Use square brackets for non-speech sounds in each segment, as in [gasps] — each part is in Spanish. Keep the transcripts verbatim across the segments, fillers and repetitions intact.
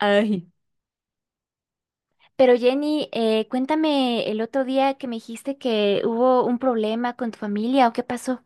Ay. Pero Jenny, eh, cuéntame el otro día que me dijiste que hubo un problema con tu familia o qué pasó.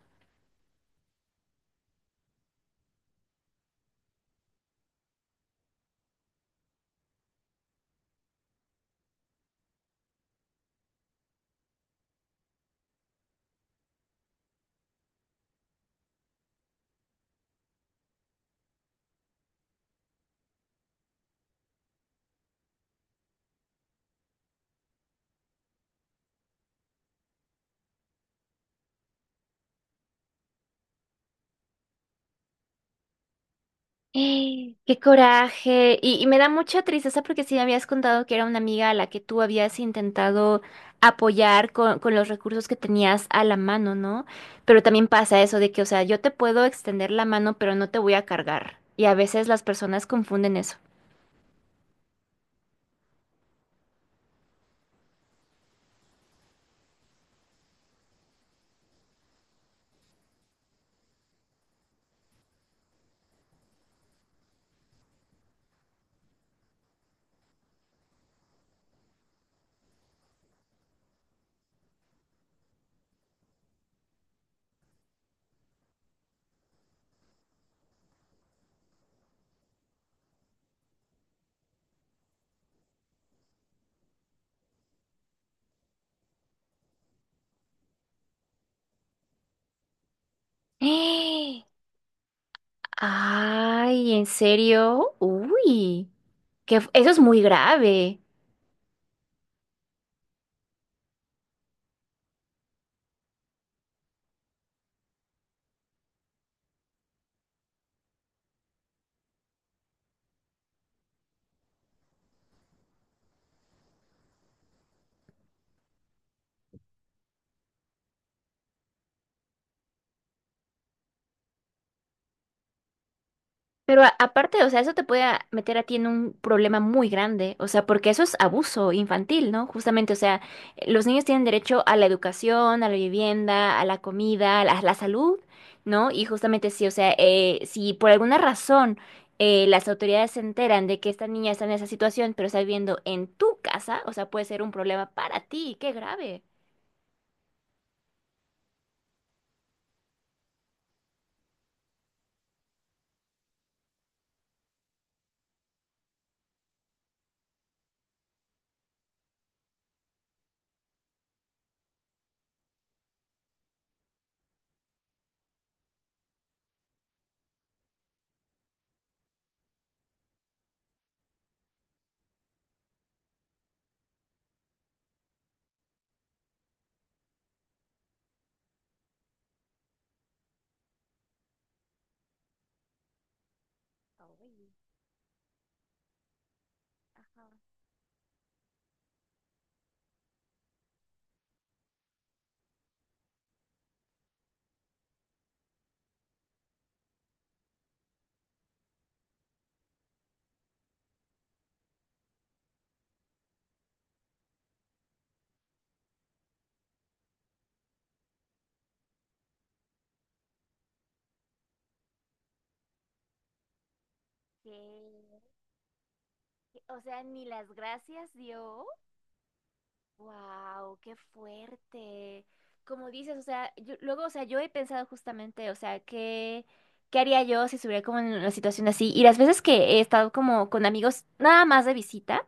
[gasps] ¡Eh! ¡Qué coraje! Y, y me da mucha tristeza porque sí me habías contado que era una amiga a la que tú habías intentado apoyar con, con los recursos que tenías a la mano, ¿no? Pero también pasa eso de que, o sea, yo te puedo extender la mano, pero no te voy a cargar. Y a veces las personas confunden eso. [gasps] ¡Eh! Ay, ¿en serio? Uy, que f- eso es muy grave. Pero a- aparte, o sea, eso te puede a- meter a ti en un problema muy grande, o sea, porque eso es abuso infantil, ¿no? Justamente, o sea, los niños tienen derecho a la educación, a la vivienda, a la comida, a la, a la salud, ¿no? Y justamente sí, o sea, eh, si por alguna razón eh, las autoridades se enteran de que esta niña está en esa situación, pero está viviendo en tu casa, o sea, puede ser un problema para ti, qué grave. Ay, ajá. ¿Qué? O sea, ni las gracias dio. Wow, qué fuerte. Como dices, o sea, yo- luego, o sea, yo he pensado justamente, o sea, ¿qué, ¿qué haría yo si estuviera como en una situación así? Y las veces que he estado como con amigos nada más de visita.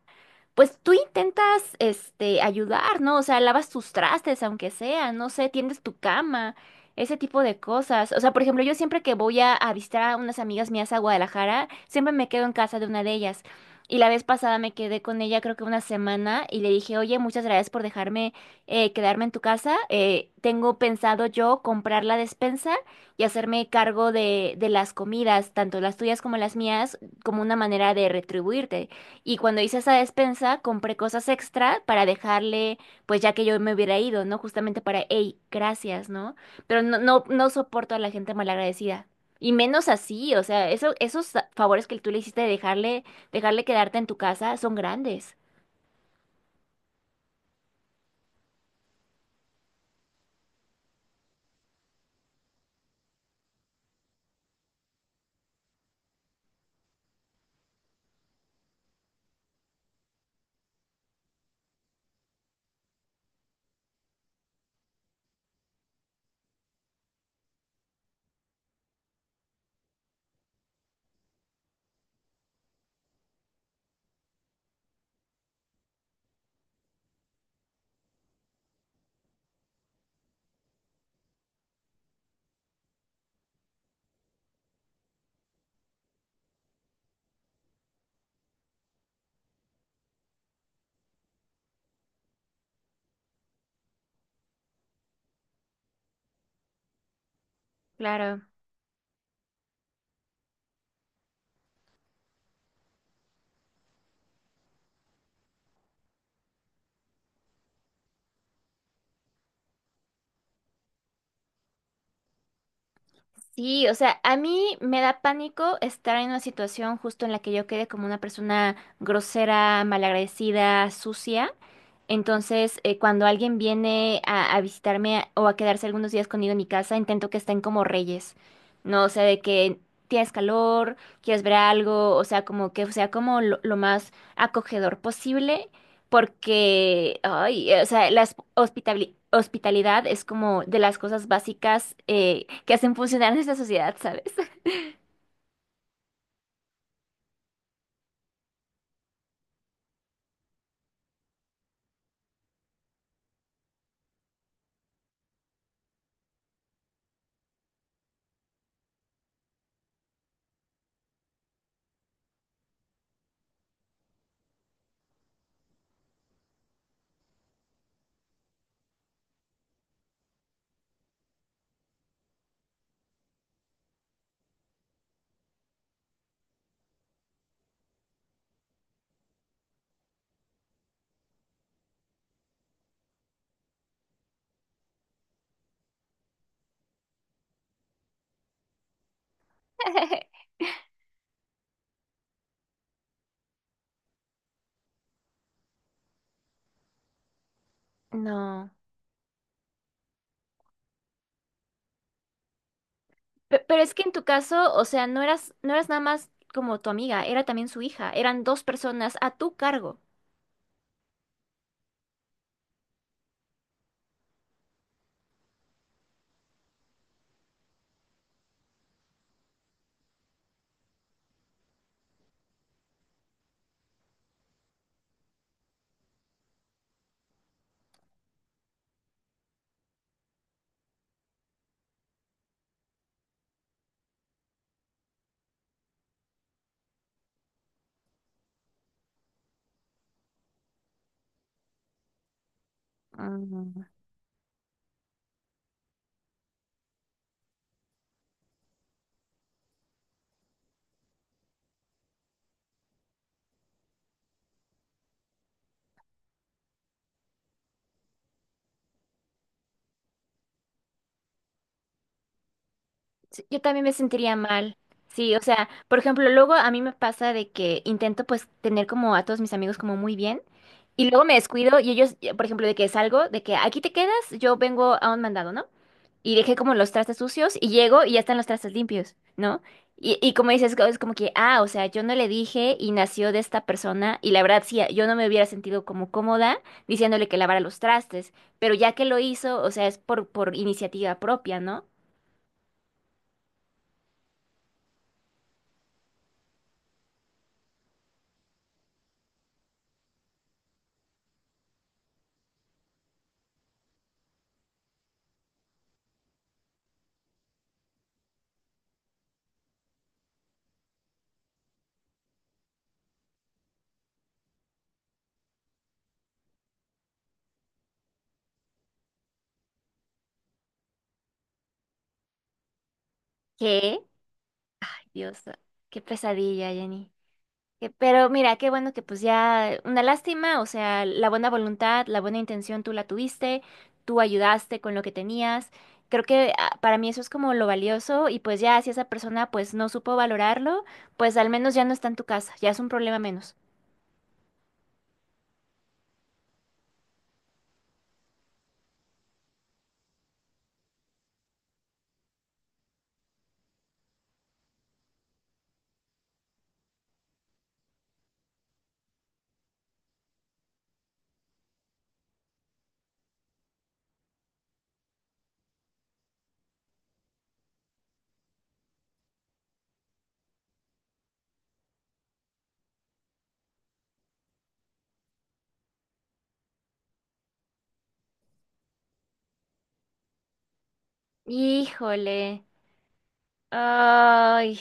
Pues tú intentas, este, ayudar, ¿no? O sea, lavas tus trastes, aunque sea, no sé, tiendes tu cama, ese tipo de cosas. O sea, por ejemplo, yo siempre que voy a, a visitar a unas amigas mías a Guadalajara, siempre me quedo en casa de una de ellas. Y la vez pasada me quedé con ella creo que una semana y le dije, oye, muchas gracias por dejarme eh, quedarme en tu casa. Eh, tengo pensado yo comprar la despensa y hacerme cargo de, de las comidas, tanto las tuyas como las mías, como una manera de retribuirte. Y cuando hice esa despensa, compré cosas extra para dejarle, pues ya que yo me hubiera ido, ¿no? Justamente para, hey, gracias, ¿no? Pero no, no, no soporto a la gente malagradecida. Y menos así, o sea, eso, esos favores que tú le hiciste de dejarle, dejarle quedarte en tu casa son grandes. Claro. Sí, o sea, a mí me da pánico estar en una situación justo en la que yo quede como una persona grosera, malagradecida, sucia. Entonces, eh, cuando alguien viene a, a visitarme o a quedarse algunos días conmigo en mi casa, intento que estén como reyes, ¿no? O sea, de que tienes calor, quieres ver algo, o sea, como que sea como lo, lo más acogedor posible porque, ay, o sea, la hosp- hospitabli- hospitalidad es como de las cosas básicas eh, que hacen funcionar [laughs] nuestra sociedad, ¿sabes? [laughs] No. Pe- pero es que en tu caso, o sea, no eras, no eras nada más como tu amiga, era también su hija, eran dos personas a tu cargo. Mm. Sí, yo también me sentiría mal. Sí, o sea, por ejemplo, luego a mí me pasa de que intento pues tener como a todos mis amigos como muy bien y luego me descuido y ellos, eh, por ejemplo, de que salgo, de que aquí te quedas, yo vengo a un mandado, ¿no? Y dejé como los trastes sucios y llego y ya están los trastes limpios, ¿no? Y, y como dices, es como que, ah, o sea, yo no le dije y nació de esta persona y la verdad sí, yo no me hubiera sentido como cómoda diciéndole que lavara los trastes, pero ya que lo hizo, o sea, es por, por iniciativa propia, ¿no? ¿Qué? Dios, qué pesadilla, Jenny. Que- Pero mira, qué bueno que pues ya, una lástima, o sea, la buena voluntad, la buena intención tú la tuviste, tú ayudaste con lo que tenías. Creo que ah, para mí eso es como lo valioso y pues ya si esa persona pues no supo valorarlo, pues al menos ya no está en tu casa, ya es un problema menos. Híjole. Ay.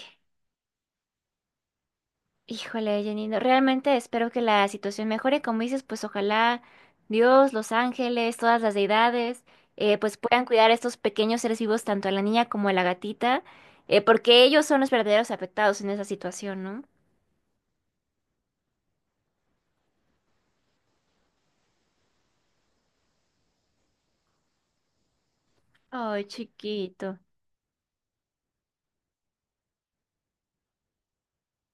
Híjole, Janino, realmente espero que la situación mejore. Como dices, pues ojalá Dios, los ángeles, todas las deidades, eh, pues puedan cuidar a estos pequeños seres vivos, tanto a la niña como a la gatita, eh, porque ellos son los verdaderos afectados en esa situación, ¿no? Ay, chiquito.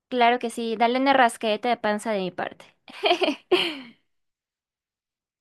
Claro que sí, dale una rascadita de panza de mi parte. [laughs]